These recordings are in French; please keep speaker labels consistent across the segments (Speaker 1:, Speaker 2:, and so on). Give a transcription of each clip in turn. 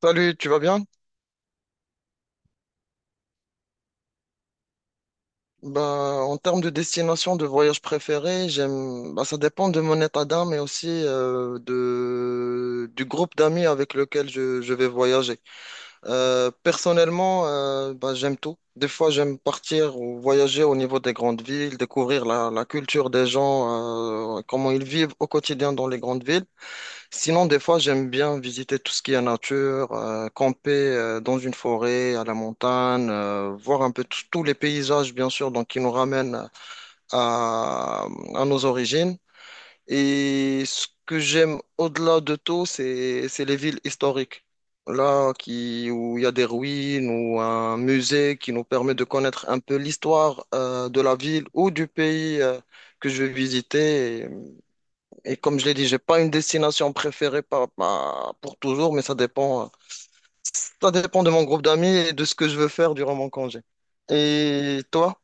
Speaker 1: Salut, tu vas bien? Bah, en termes de destination de voyage préféré, j'aime, bah, ça dépend de mon état d'âme et aussi de, du groupe d'amis avec lequel je vais voyager. Personnellement, bah, j'aime tout. Des fois, j'aime partir ou voyager au niveau des grandes villes, découvrir la culture des gens, comment ils vivent au quotidien dans les grandes villes. Sinon, des fois, j'aime bien visiter tout ce qui est nature, camper dans une forêt, à la montagne, voir un peu tous tous les paysages, bien sûr, donc qui nous ramènent à, à nos origines. Et ce que j'aime au-delà de tout, c'est les villes historiques. Là, où il y a des ruines ou un musée qui nous permet de connaître un peu l'histoire de la ville ou du pays que je vais visiter. Et comme je l'ai dit, j'ai pas une destination préférée pour toujours, mais ça dépend de mon groupe d'amis et de ce que je veux faire durant mon congé. Et toi?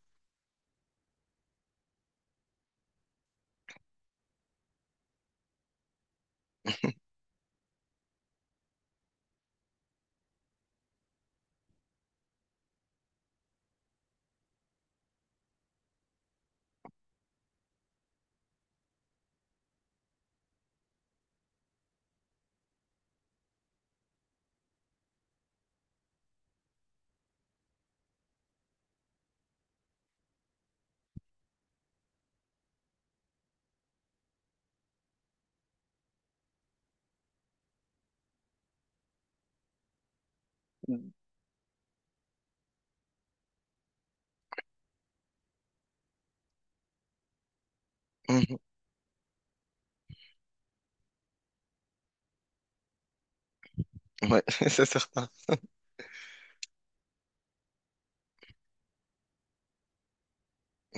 Speaker 1: Mhm. Ouais, c'est certain.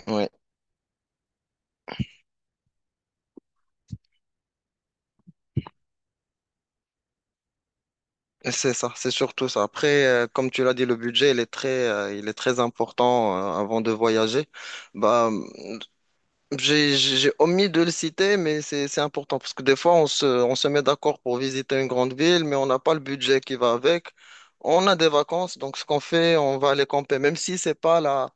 Speaker 1: Ouais, c'est ça, c'est surtout ça. Après, comme tu l'as dit, le budget, il est très important, avant de voyager. Bah, j'ai omis de le citer, mais c'est important parce que des fois, on se met d'accord pour visiter une grande ville, mais on n'a pas le budget qui va avec. On a des vacances, donc ce qu'on fait, on va aller camper, même si c'est pas la,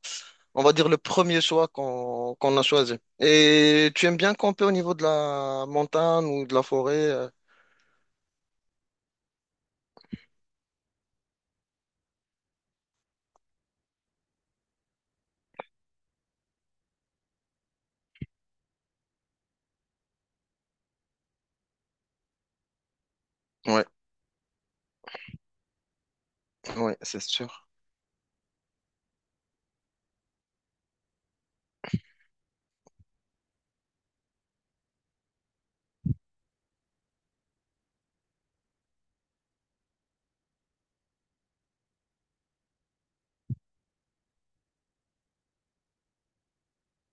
Speaker 1: on va dire le premier choix qu'on a choisi. Et tu aimes bien camper au niveau de la montagne ou de la forêt? Ouais, ouais, c'est sûr.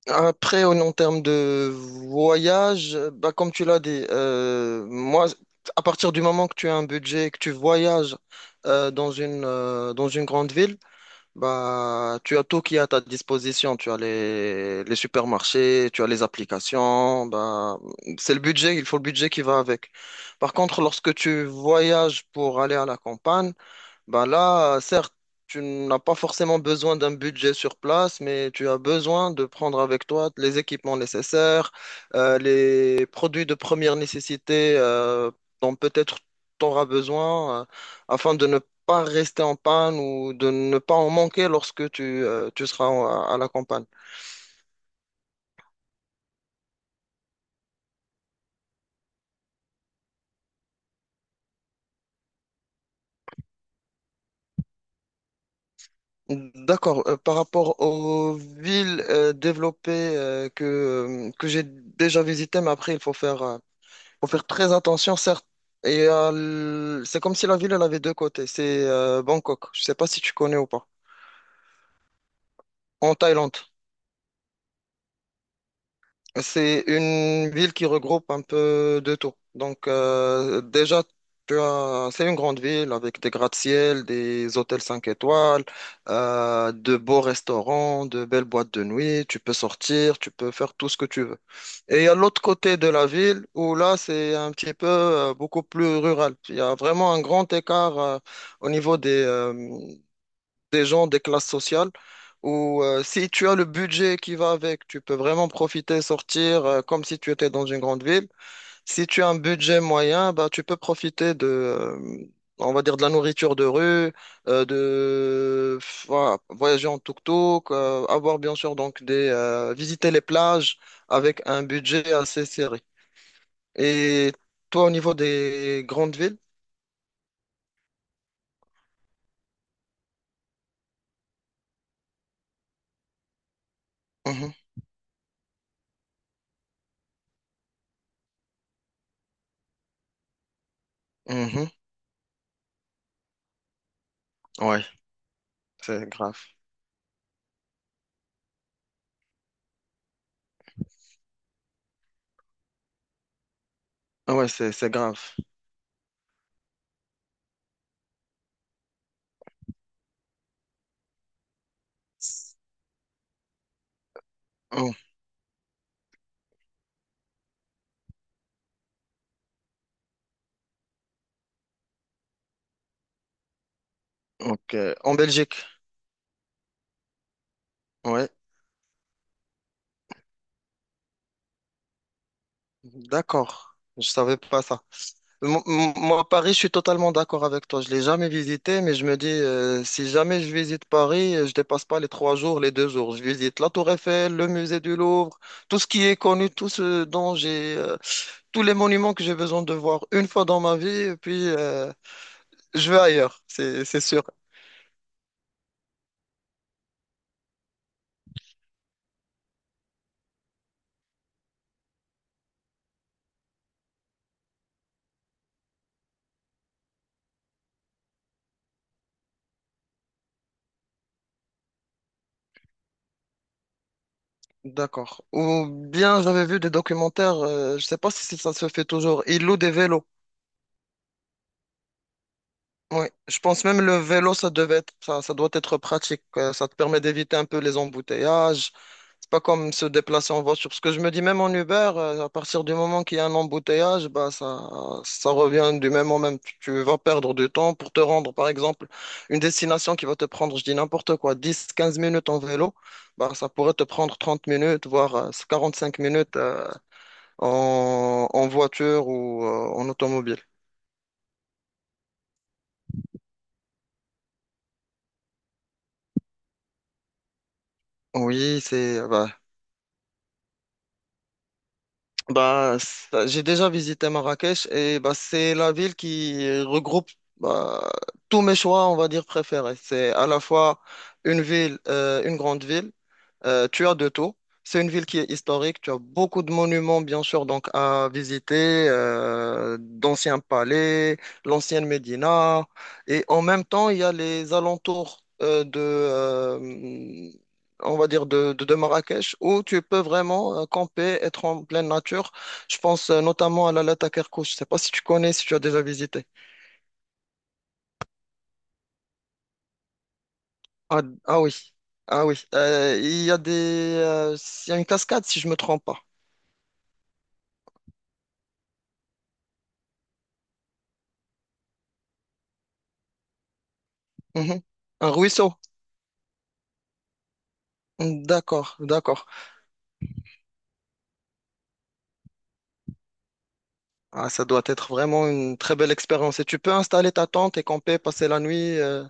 Speaker 1: Après, en termes de voyage, bah, comme tu l'as dit, moi, à partir du moment que tu as un budget et que tu voyages dans une grande ville, bah, tu as tout qui est à ta disposition. Tu as les supermarchés, tu as les applications. Bah, il faut le budget qui va avec. Par contre, lorsque tu voyages pour aller à la campagne, ben là, certes, tu n'as pas forcément besoin d'un budget sur place, mais tu as besoin de prendre avec toi les équipements nécessaires, les produits de première nécessité dont peut-être tu auras besoin afin de ne pas rester en panne ou de ne pas en manquer lorsque tu seras à la campagne. D'accord. Par rapport aux villes développées que j'ai déjà visitées, mais après, il faut faire très attention, certes. Et c'est comme si la ville, elle avait deux côtés. C'est Bangkok. Je sais pas si tu connais ou pas. En Thaïlande. C'est une ville qui regroupe un peu de tout. Donc, déjà, c'est une grande ville avec des gratte-ciel, des hôtels 5 étoiles, de beaux restaurants, de belles boîtes de nuit. Tu peux sortir, tu peux faire tout ce que tu veux. Et il y a l'autre côté de la ville où là, c'est un petit peu beaucoup plus rural. Il y a vraiment un grand écart au niveau des, euh, des gens des classes sociales où si tu as le budget qui va avec, tu peux vraiment profiter, sortir comme si tu étais dans une grande ville. Si tu as un budget moyen, bah, tu peux profiter on va dire, de la nourriture de rue, de voilà, voyager en tuk-tuk, avoir bien sûr donc visiter les plages avec un budget assez serré. Et toi, au niveau des grandes villes? Mhm, mhm, ouais, c'est grave. Ah ouais, c'est grave. Ok. En Belgique. Ouais. D'accord. Je savais pas ça. Moi, Paris, je suis totalement d'accord avec toi. Je l'ai jamais visité, mais je me dis, si jamais je visite Paris, je dépasse pas les trois jours, les deux jours. Je visite la Tour Eiffel, le musée du Louvre, tout ce qui est connu, tout ce dont j'ai, tous les monuments que j'ai besoin de voir une fois dans ma vie, et puis je vais ailleurs, c'est sûr. D'accord. Ou bien j'avais vu des documentaires, je sais pas si ça se fait toujours. Ils louent des vélos. Oui, je pense même le vélo, ça doit être pratique. Ça te permet d'éviter un peu les embouteillages. C'est pas comme se déplacer en voiture. Parce que je me dis, même en Uber, à partir du moment qu'il y a un embouteillage, ça revient du même au même. Tu vas perdre du temps pour te rendre, par exemple, une destination qui va te prendre, je dis n'importe quoi, 10, 15 minutes en vélo. Bah, ça pourrait te prendre 30 minutes, voire cinq minutes, en voiture ou en automobile. Oui, c'est, bah, bah, j'ai déjà visité Marrakech et bah, c'est la ville qui regroupe bah, tous mes choix, on va dire, préférés. C'est à la fois une grande ville, tu as de tout. C'est une ville qui est historique, tu as beaucoup de monuments, bien sûr, donc à visiter, d'anciens palais, l'ancienne Médina. Et en même temps, il y a les alentours on va dire, de Marrakech, où tu peux vraiment camper, être en pleine nature. Je pense notamment à la Takerkouch. Je ne sais pas si tu connais, si tu as déjà visité. Ah, ah oui, ah oui. Il y a une cascade, si je me trompe pas. Mhm. Un ruisseau. D'accord, d'accord. Ah, ça doit être vraiment une très belle expérience. Et tu peux installer ta tente et camper, passer la nuit.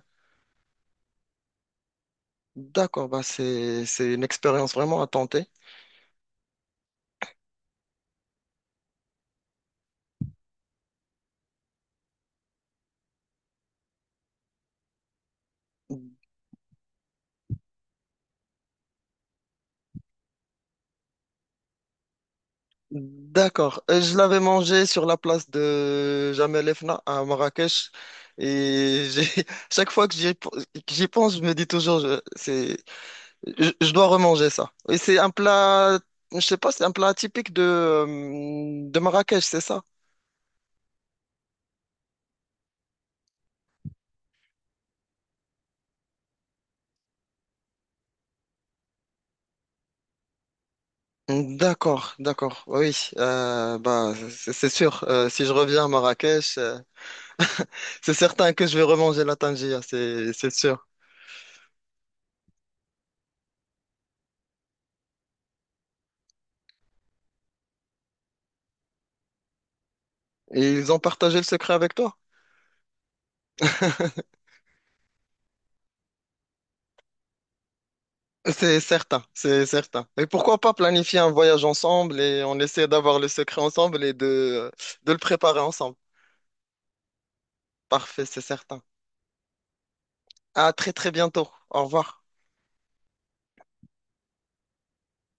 Speaker 1: D'accord, c'est une expérience vraiment à tenter. D'accord. Je l'avais mangé sur la place de Jamel Fna à Marrakech. Et chaque fois que que j'y pense, je me dis toujours, je, c'est, je dois remanger ça. Et c'est un plat, je sais pas, c'est un plat typique de Marrakech, c'est ça? D'accord, d'accord. Oui, bah, c'est sûr. Si je reviens à Marrakech, c'est certain que je vais remanger la tangia, c'est sûr. Et ils ont partagé le secret avec toi? C'est certain, c'est certain. Et pourquoi pas planifier un voyage ensemble et on essaie d'avoir le secret ensemble de le préparer ensemble. Parfait, c'est certain. À très très bientôt. Au revoir.